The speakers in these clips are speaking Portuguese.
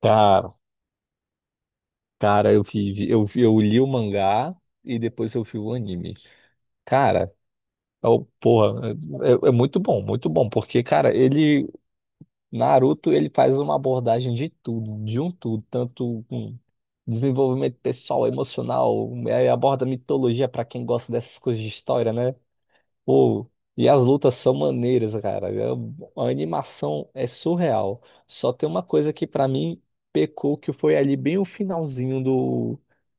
Cara, cara, eu vi, eu li o mangá e depois eu vi o anime. Cara, porra, é muito bom, porque, cara, ele, Naruto, ele faz uma abordagem de tudo, de um tudo, tanto com desenvolvimento pessoal, emocional, aborda mitologia pra quem gosta dessas coisas de história, né? Pô, e as lutas são maneiras, cara. A animação é surreal. Só tem uma coisa que pra mim pecou, que foi ali bem o finalzinho do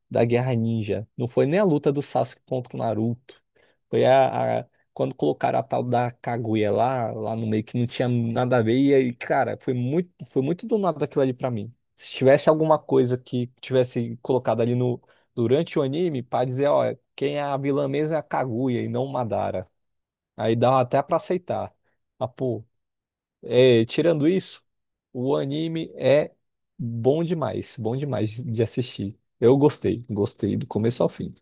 da Guerra Ninja. Não foi nem a luta do Sasuke contra o Naruto. Foi quando colocaram a tal da Kaguya lá, lá no meio, que não tinha nada a ver. E aí, cara, foi muito do nada aquilo ali pra mim. Se tivesse alguma coisa que tivesse colocado ali no durante o anime, pra dizer, ó, quem é a vilã mesmo é a Kaguya e não o Madara. Aí dá até pra aceitar. Ah, pô, tirando isso, o anime é bom demais de assistir. Eu gostei, gostei do começo ao fim.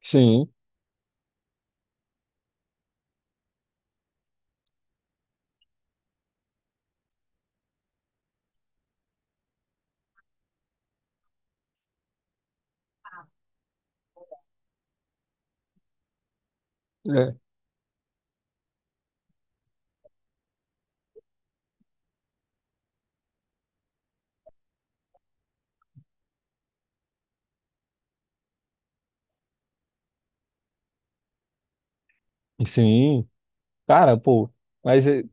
Sim, é, sim. Cara, pô, mas é,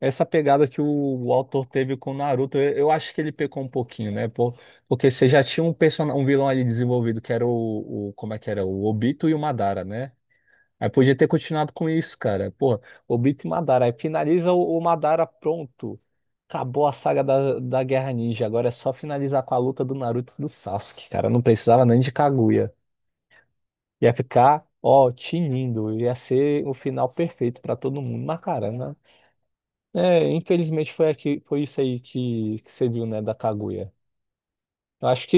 essa pegada que o autor teve com o Naruto, eu acho que ele pecou um pouquinho, né? Pô, porque você já tinha um personagem, um vilão ali desenvolvido que era o, como é que era? O Obito e o Madara, né? Aí podia ter continuado com isso, cara. Porra, Obito e Madara. Aí finaliza o Madara, pronto. Acabou a saga da Guerra Ninja. Agora é só finalizar com a luta do Naruto e do Sasuke, cara. Não precisava nem de Kaguya. Ia ficar, ó, tinindo. Ia ser o final perfeito pra todo mundo. Mas, cara, né? É, infelizmente foi, aqui, foi isso aí que você viu, né, da Kaguya. Eu acho que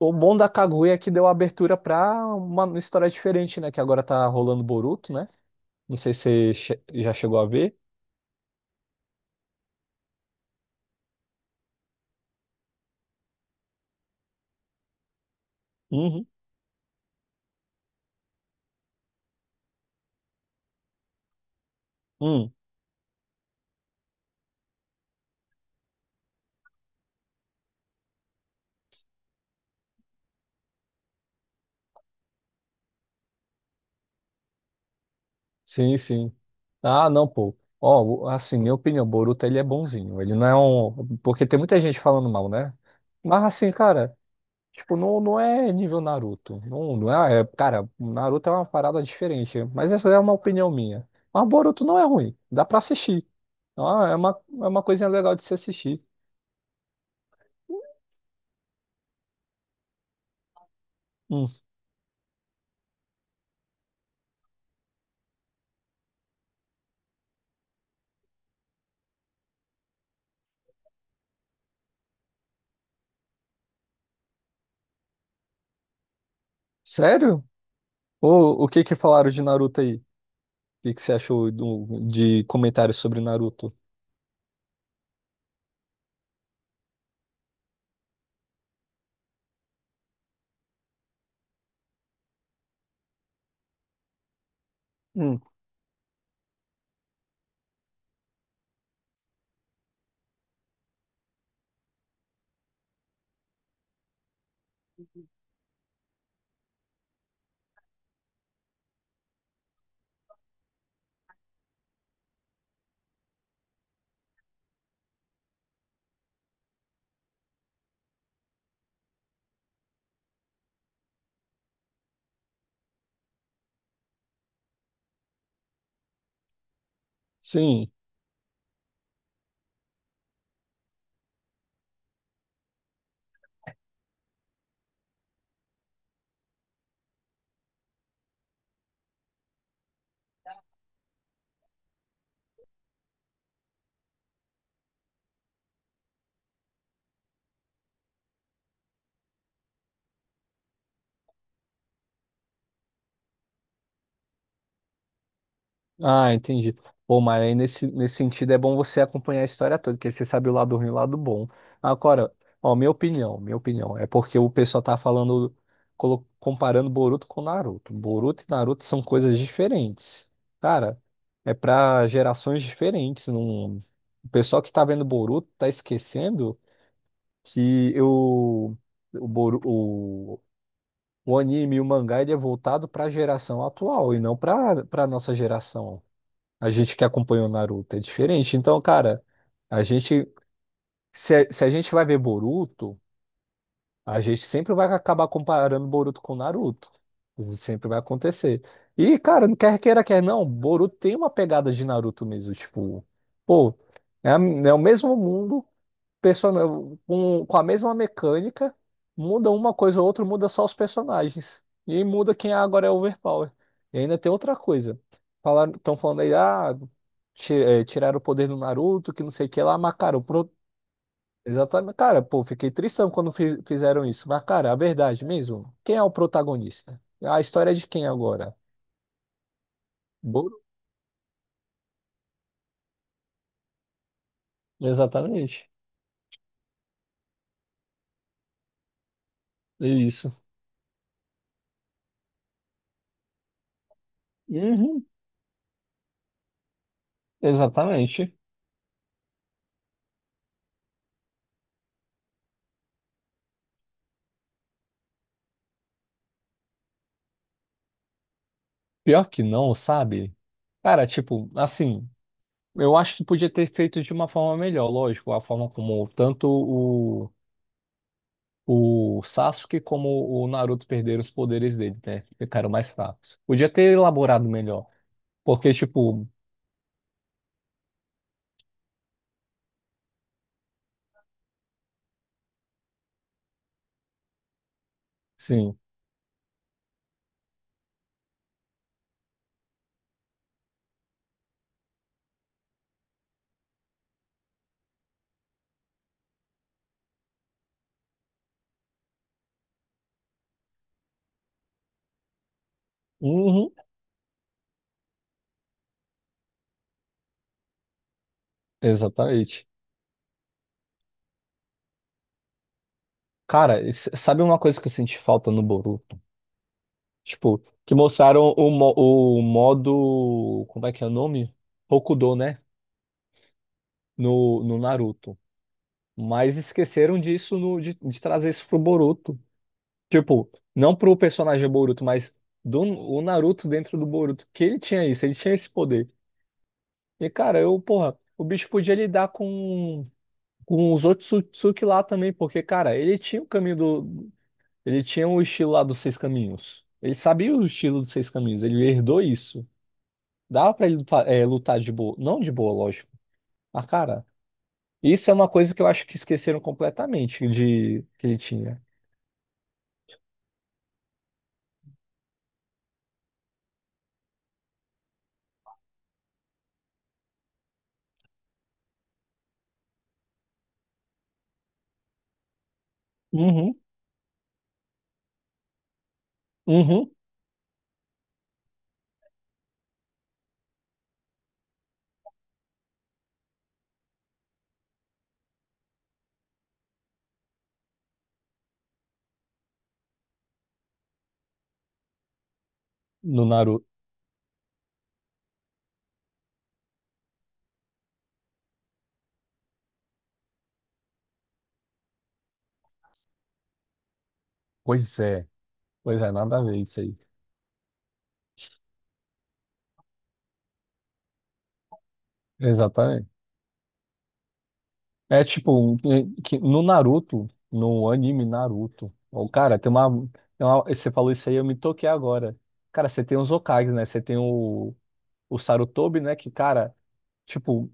o bom da Kaguya é que deu abertura pra uma história diferente, né? Que agora tá rolando Boruto, né? Não sei se você já chegou a ver. Uhum. Hum. Sim, sim. Ah, não, pô. Ó, assim, minha opinião, o Boruto ele é bonzinho. Ele não é um. Porque tem muita gente falando mal, né? Mas assim, cara, tipo, não, não é nível Naruto. Não, não é, cara, Naruto é uma parada diferente. Mas essa é uma opinião minha. Mas Boruto não é ruim. Dá pra assistir. Ah, é uma coisinha legal de se assistir. Hum. Sério? Ou o que que falaram de Naruto aí? O que que você achou de comentários sobre Naruto? Hum, sim. Ah, entendi. Pô, mas aí nesse, nesse sentido é bom você acompanhar a história toda, porque você sabe o lado ruim e o lado bom. Agora, ó, minha opinião, é porque o pessoal tá falando, comparando Boruto com Naruto. Boruto e Naruto são coisas diferentes. Cara, é pra gerações diferentes. Não... O pessoal que tá vendo Boruto tá esquecendo que eu, o, o anime e o mangá ele é voltado para a geração atual e não para nossa geração. A gente que acompanha o Naruto é diferente. Então, cara, a gente se, se a gente vai ver Boruto, a gente sempre vai acabar comparando Boruto com Naruto. Isso sempre vai acontecer. E, cara, não quer queira, quer não, Boruto tem uma pegada de Naruto mesmo, tipo, pô, é, é o mesmo mundo, person... com a mesma mecânica, muda uma coisa ou outra, muda só os personagens. E aí muda quem agora é overpower. E ainda tem outra coisa. Falaram, estão falando aí, ah, tiraram o poder do Naruto, que não sei o que lá, mas cara, o exatamente, cara, pô, fiquei tristão quando fizeram isso. Mas, cara, a verdade mesmo, quem é o protagonista? A história é de quem agora? Boru? Exatamente. É isso. Uhum, exatamente. Pior que não, sabe? Cara, tipo, assim. Eu acho que podia ter feito de uma forma melhor, lógico, a forma como tanto o Sasuke como o Naruto perderam os poderes dele, né? Ficaram mais fracos. Podia ter elaborado melhor, porque, tipo, sim. Uhum, exatamente. Cara, sabe uma coisa que eu senti falta no Boruto? Tipo, que mostraram o modo. Como é que é o nome? Hokudo, né? No, no Naruto. Mas esqueceram disso, de trazer isso pro Boruto. Tipo, não pro personagem Boruto, mas do o Naruto dentro do Boruto, que ele tinha isso, ele tinha esse poder. E cara, eu, porra, o bicho podia lidar com os outros Otsutsuki lá também, porque, cara, ele tinha o caminho do. Ele tinha o estilo lá dos seis caminhos. Ele sabia o estilo dos seis caminhos, ele herdou isso. Dava pra ele lutar, é, lutar de boa. Não de boa, lógico. Mas, cara, isso é uma coisa que eu acho que esqueceram completamente de que ele tinha. Uhum, uhum, no Naruto. Pois é. Pois é, nada a ver isso aí. Exatamente. É tipo, que no Naruto, no anime Naruto, o cara, tem uma, você falou isso aí, eu me toquei agora. Cara, você tem os Hokages, né? Você tem o Sarutobi, né? Que, cara, tipo,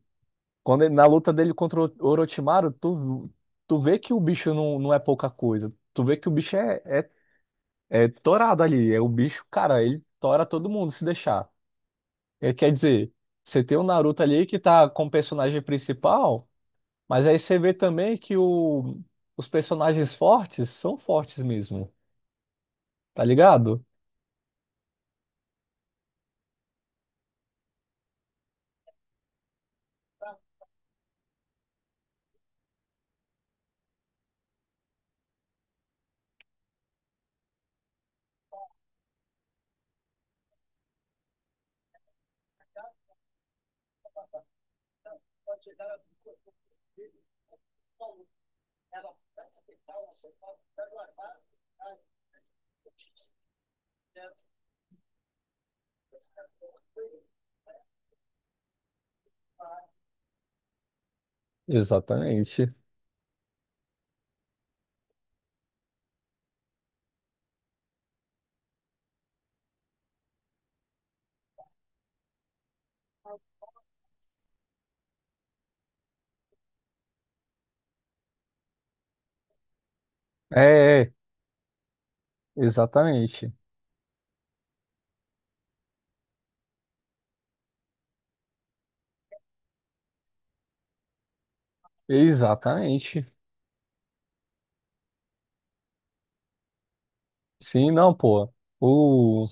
quando na luta dele contra o Orochimaru, tu, tu vê que o bicho não, não é pouca coisa. Tu vê que o bicho é torado ali. É o bicho, cara, ele tora todo mundo se deixar. É, quer dizer, você tem o Naruto ali que tá com o personagem principal. Mas aí você vê também que os personagens fortes são fortes mesmo, tá ligado? Exatamente. É, é, exatamente. Exatamente. Sim, não, pô. O...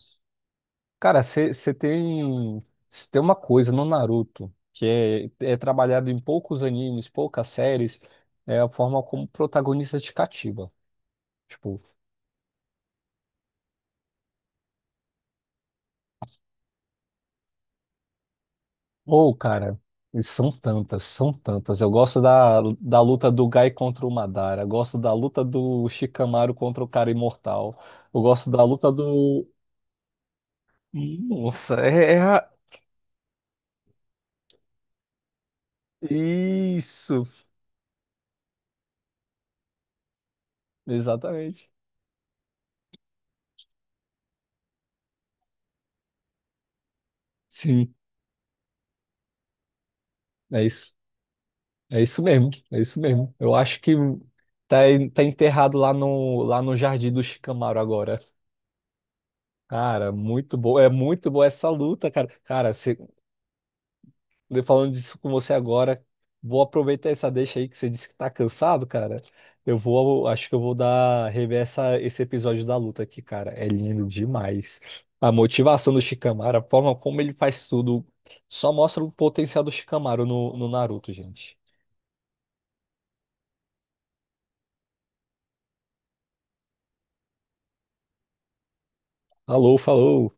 Cara, você tem... cê tem uma coisa no Naruto que é trabalhado em poucos animes, poucas séries, é a forma como o protagonista te cativa. Tipo, ou, cara, e são tantas, são tantas. Eu gosto da luta do Gai contra o Madara, gosto da luta do Shikamaru contra o cara imortal. Eu gosto da luta do. Nossa, isso. Exatamente. Sim, é isso. É isso mesmo, é isso mesmo. Eu acho que tá, tá enterrado lá no jardim do Shikamaru agora. Cara, muito bom. É muito boa essa luta, cara. Cara, falando disso com você agora, vou aproveitar essa deixa aí que você disse que tá cansado, cara. Eu vou, acho que eu vou dar rever essa, esse episódio da luta aqui, cara. É lindo demais. A motivação do Shikamaru, a forma como ele faz tudo, só mostra o potencial do Shikamaru no, no Naruto, gente. Alô, falou!